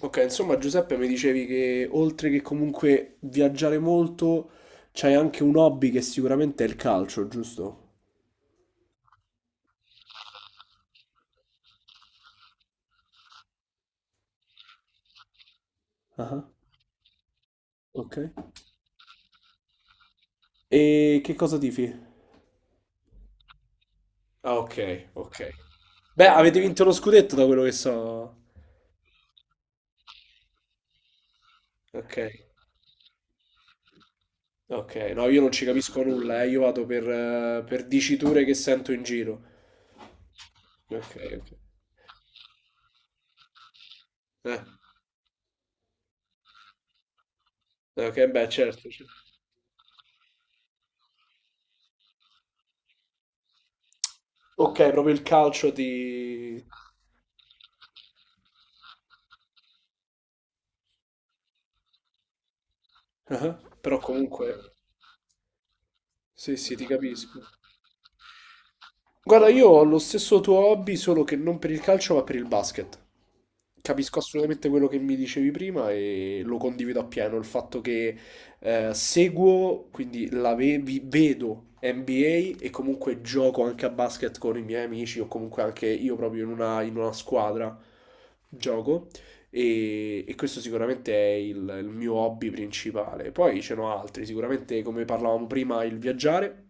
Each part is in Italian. Ok, insomma Giuseppe mi dicevi che oltre che comunque viaggiare molto, c'hai anche un hobby che sicuramente è il calcio, giusto? Ah, ok. E che cosa tifi? Ah, ok, ok. Beh, avete vinto lo scudetto da quello che so. Ok, ok. No, io non ci capisco nulla, eh. Io vado per diciture che sento in giro. Ok, ok. Eh, ok, beh, certo, certo. Ok, proprio il calcio ti... Ah, però comunque... Sì, sì, ti capisco. Guarda, io ho lo stesso tuo hobby, solo che non per il calcio, ma per il basket. Capisco assolutamente quello che mi dicevi prima e lo condivido appieno. Il fatto che seguo, quindi la vedo NBA e comunque gioco anche a basket con i miei amici o comunque anche io proprio in una squadra gioco. E questo sicuramente è il mio hobby principale. Poi ce n'ho altri, sicuramente come parlavamo prima, il viaggiare,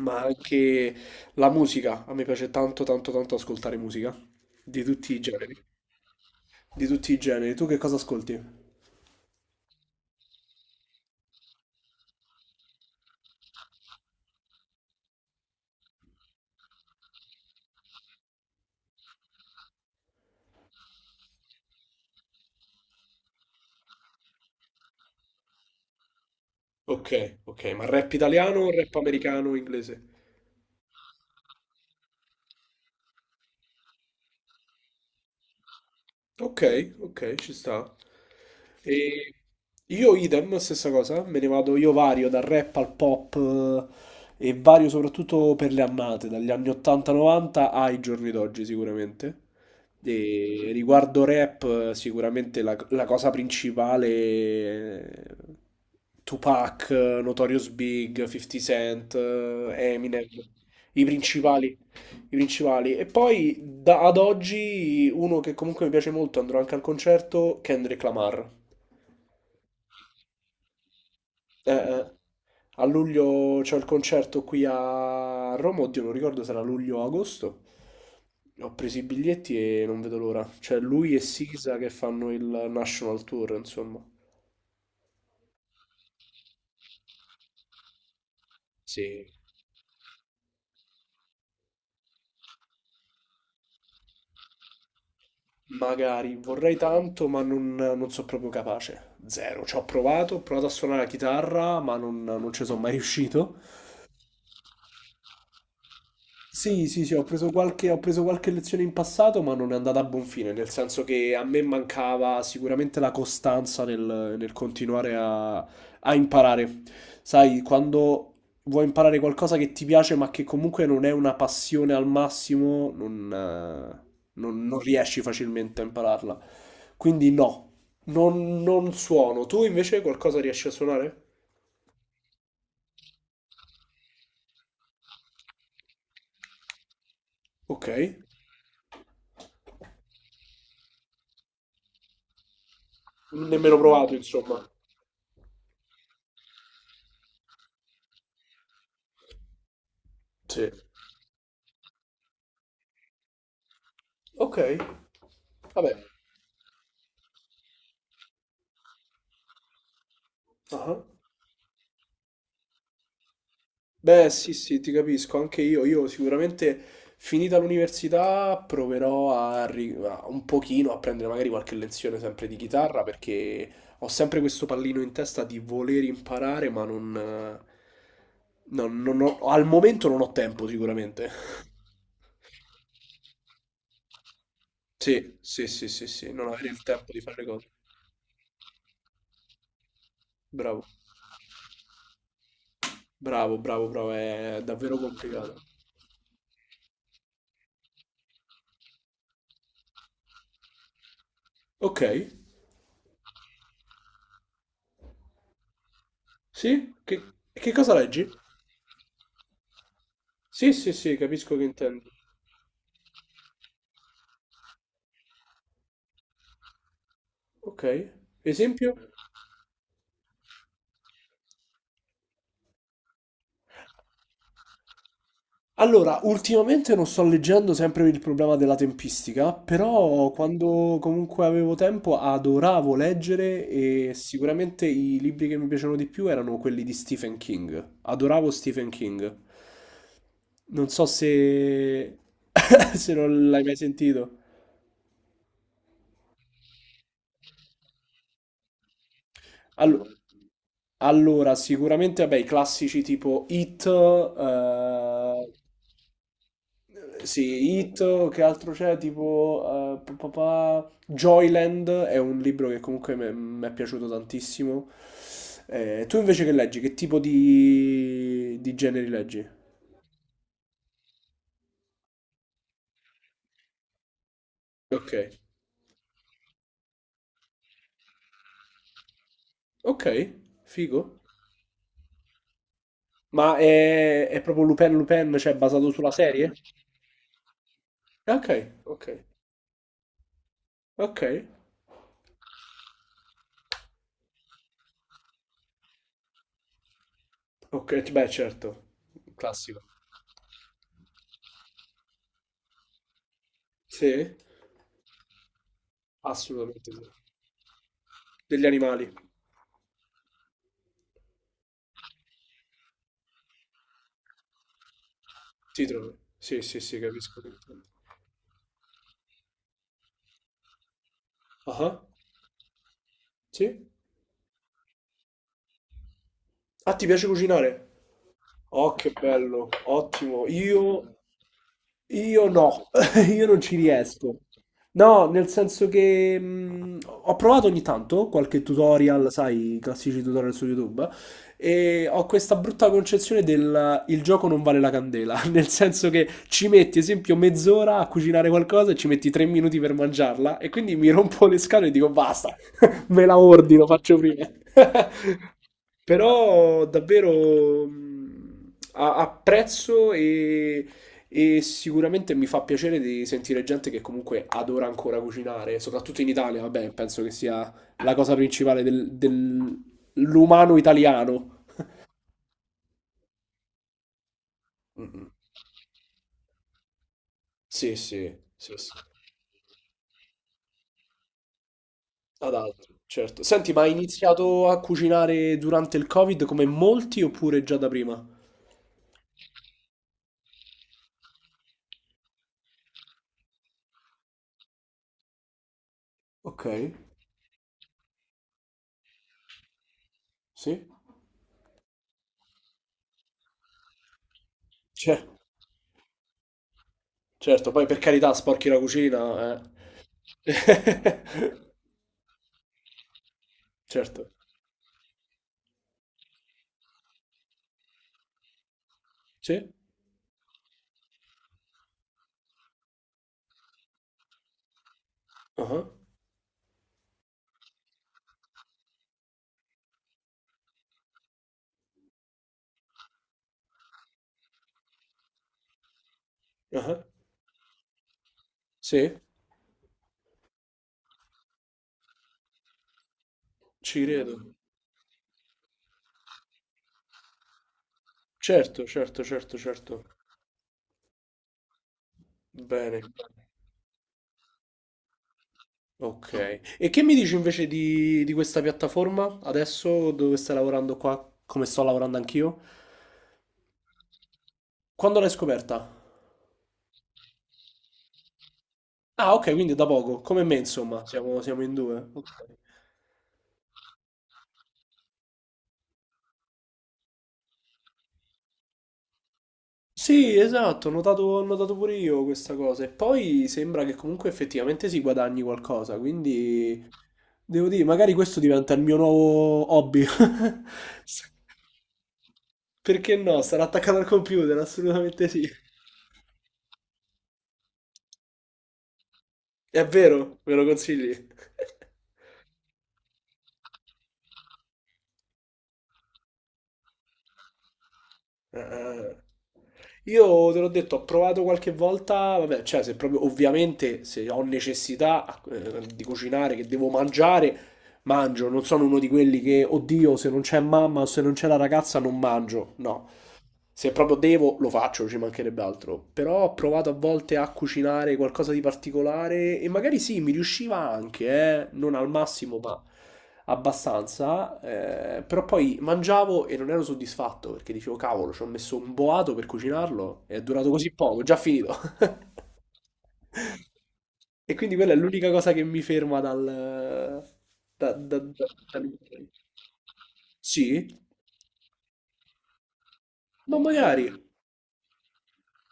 ma anche la musica, a me piace tanto tanto tanto ascoltare musica, di tutti i generi, di tutti i generi. Tu che cosa ascolti? Ok, ok, ma rap italiano o rap americano o inglese? Ok, ok, ci sta. E io idem, stessa cosa, me ne vado, io vario dal rap al pop e vario soprattutto per le annate, dagli anni 80-90 ai giorni d'oggi sicuramente. E riguardo rap, sicuramente la cosa principale è Tupac, Notorious Big, 50 Cent, Eminem, i principali i principali. E poi ad oggi uno che comunque mi piace molto, andrò anche al concerto, Kendrick Lamar. Mm, a luglio c'è il concerto qui a Roma, oddio non ricordo se era luglio o agosto. Ho preso i biglietti e non vedo l'ora. Cioè lui e Sisa che fanno il National Tour, insomma. Sì. Magari vorrei tanto, ma non so proprio capace. Zero. Ci ho provato a suonare la chitarra, ma non ci sono mai riuscito. Sì, sì, sì, ho preso qualche lezione in passato, ma non è andata a buon fine, nel senso che a me mancava sicuramente la costanza nel continuare a imparare. Sai, quando vuoi imparare qualcosa che ti piace, ma che comunque non è una passione al massimo, non, non riesci facilmente a impararla. Quindi no, non suono. Tu invece qualcosa riesci a suonare? Ok, nemmeno no, provato, insomma. Sì. Ok, vabbè. Ah. Beh, sì, sì, ti capisco, anche io. Io sicuramente finita l'università proverò un pochino a prendere magari qualche lezione sempre di chitarra perché ho sempre questo pallino in testa di voler imparare, ma non ho- al momento non ho tempo sicuramente. Sì, sì, sì, sì, sì, non avere il tempo di fare le cose. Bravo, bravo, bravo, bravo, è davvero complicato. Ok, sì? Che cosa leggi? Sì, sì, sì, capisco che intendi. Ok, esempio? Allora, ultimamente non sto leggendo sempre per il problema della tempistica, però quando comunque avevo tempo adoravo leggere e sicuramente i libri che mi piacevano di più erano quelli di Stephen King. Adoravo Stephen King. Non so se, se non l'hai mai sentito. Allo- allora, sicuramente, vabbè, i classici tipo It, eh. Sì, Hit, che altro c'è? Tipo Joyland è un libro che comunque mi è piaciuto tantissimo. Tu invece che leggi? Che tipo di generi leggi? Ok, ok, figo. Ma è proprio Lupin Lupin, cioè basato sulla serie? Ok, ok, ok, ok, beh certo, classico. Sì, assolutamente sì. Degli animali, si trova. Sì, sì, sì, capisco che intendi. Ah. Sì? Ah, ti piace cucinare? Oh, che bello, ottimo. Io no, io non ci riesco. No, nel senso che ho provato ogni tanto qualche tutorial, sai, i classici tutorial su YouTube, e ho questa brutta concezione del il gioco non vale la candela, nel senso che ci metti, esempio, mezz'ora a cucinare qualcosa e ci metti tre minuti per mangiarla, e quindi mi rompo le scale e dico basta, me la ordino, faccio prima. Però davvero apprezzo e sicuramente mi fa piacere di sentire gente che comunque adora ancora cucinare, soprattutto in Italia, vabbè, penso che sia la cosa principale dell'umano italiano. Mm, sì, sì, sì, sì. Ad altro, certo. Senti, ma hai iniziato a cucinare durante il Covid come molti oppure già da prima? Ok, sì. Cioè, certo, poi per carità sporchi la cucina, eh. Certo. Sì? Ah, ah, sì, ci credo. Certo, certo, certo, certo. Bene. Ok. E che mi dici invece di questa piattaforma adesso dove stai lavorando qua, come sto lavorando anch'io? Quando l'hai scoperta? Ah, ok, quindi da poco, come me insomma, siamo, siamo in due. Ok. Sì, esatto, ho notato pure io questa cosa. E poi sembra che comunque effettivamente si guadagni qualcosa, quindi devo dire, magari questo diventa il mio nuovo hobby. Perché no? Sarà attaccato al computer, assolutamente sì. È vero, me lo consigli? Ah. Io te l'ho detto, ho provato qualche volta, vabbè, cioè se proprio ovviamente se ho necessità di cucinare, che devo mangiare, mangio, non sono uno di quelli che, oddio, se non c'è mamma o se non c'è la ragazza non mangio, no. Se proprio devo, lo faccio, ci mancherebbe altro. Però ho provato a volte a cucinare qualcosa di particolare e magari sì, mi riusciva anche, non al massimo, ma abbastanza, però poi mangiavo e non ero soddisfatto perché dicevo, cavolo, ci ho messo un boato per cucinarlo e è durato così poco, è già finito. E quindi quella è l'unica cosa che mi ferma dal... da- da- da- dal... Sì, ma magari,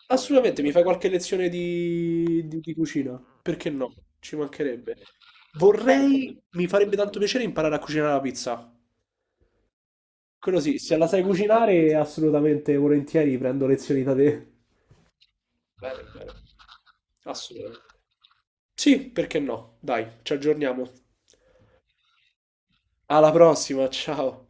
assolutamente, mi fai qualche lezione di, di cucina, perché no? Ci mancherebbe. Vorrei, mi farebbe tanto piacere imparare a cucinare la pizza. Quello sì, se la sai cucinare, assolutamente, volentieri prendo lezioni da te. Bene, bene, assolutamente. Sì, perché no? Dai, ci aggiorniamo. Alla prossima, ciao.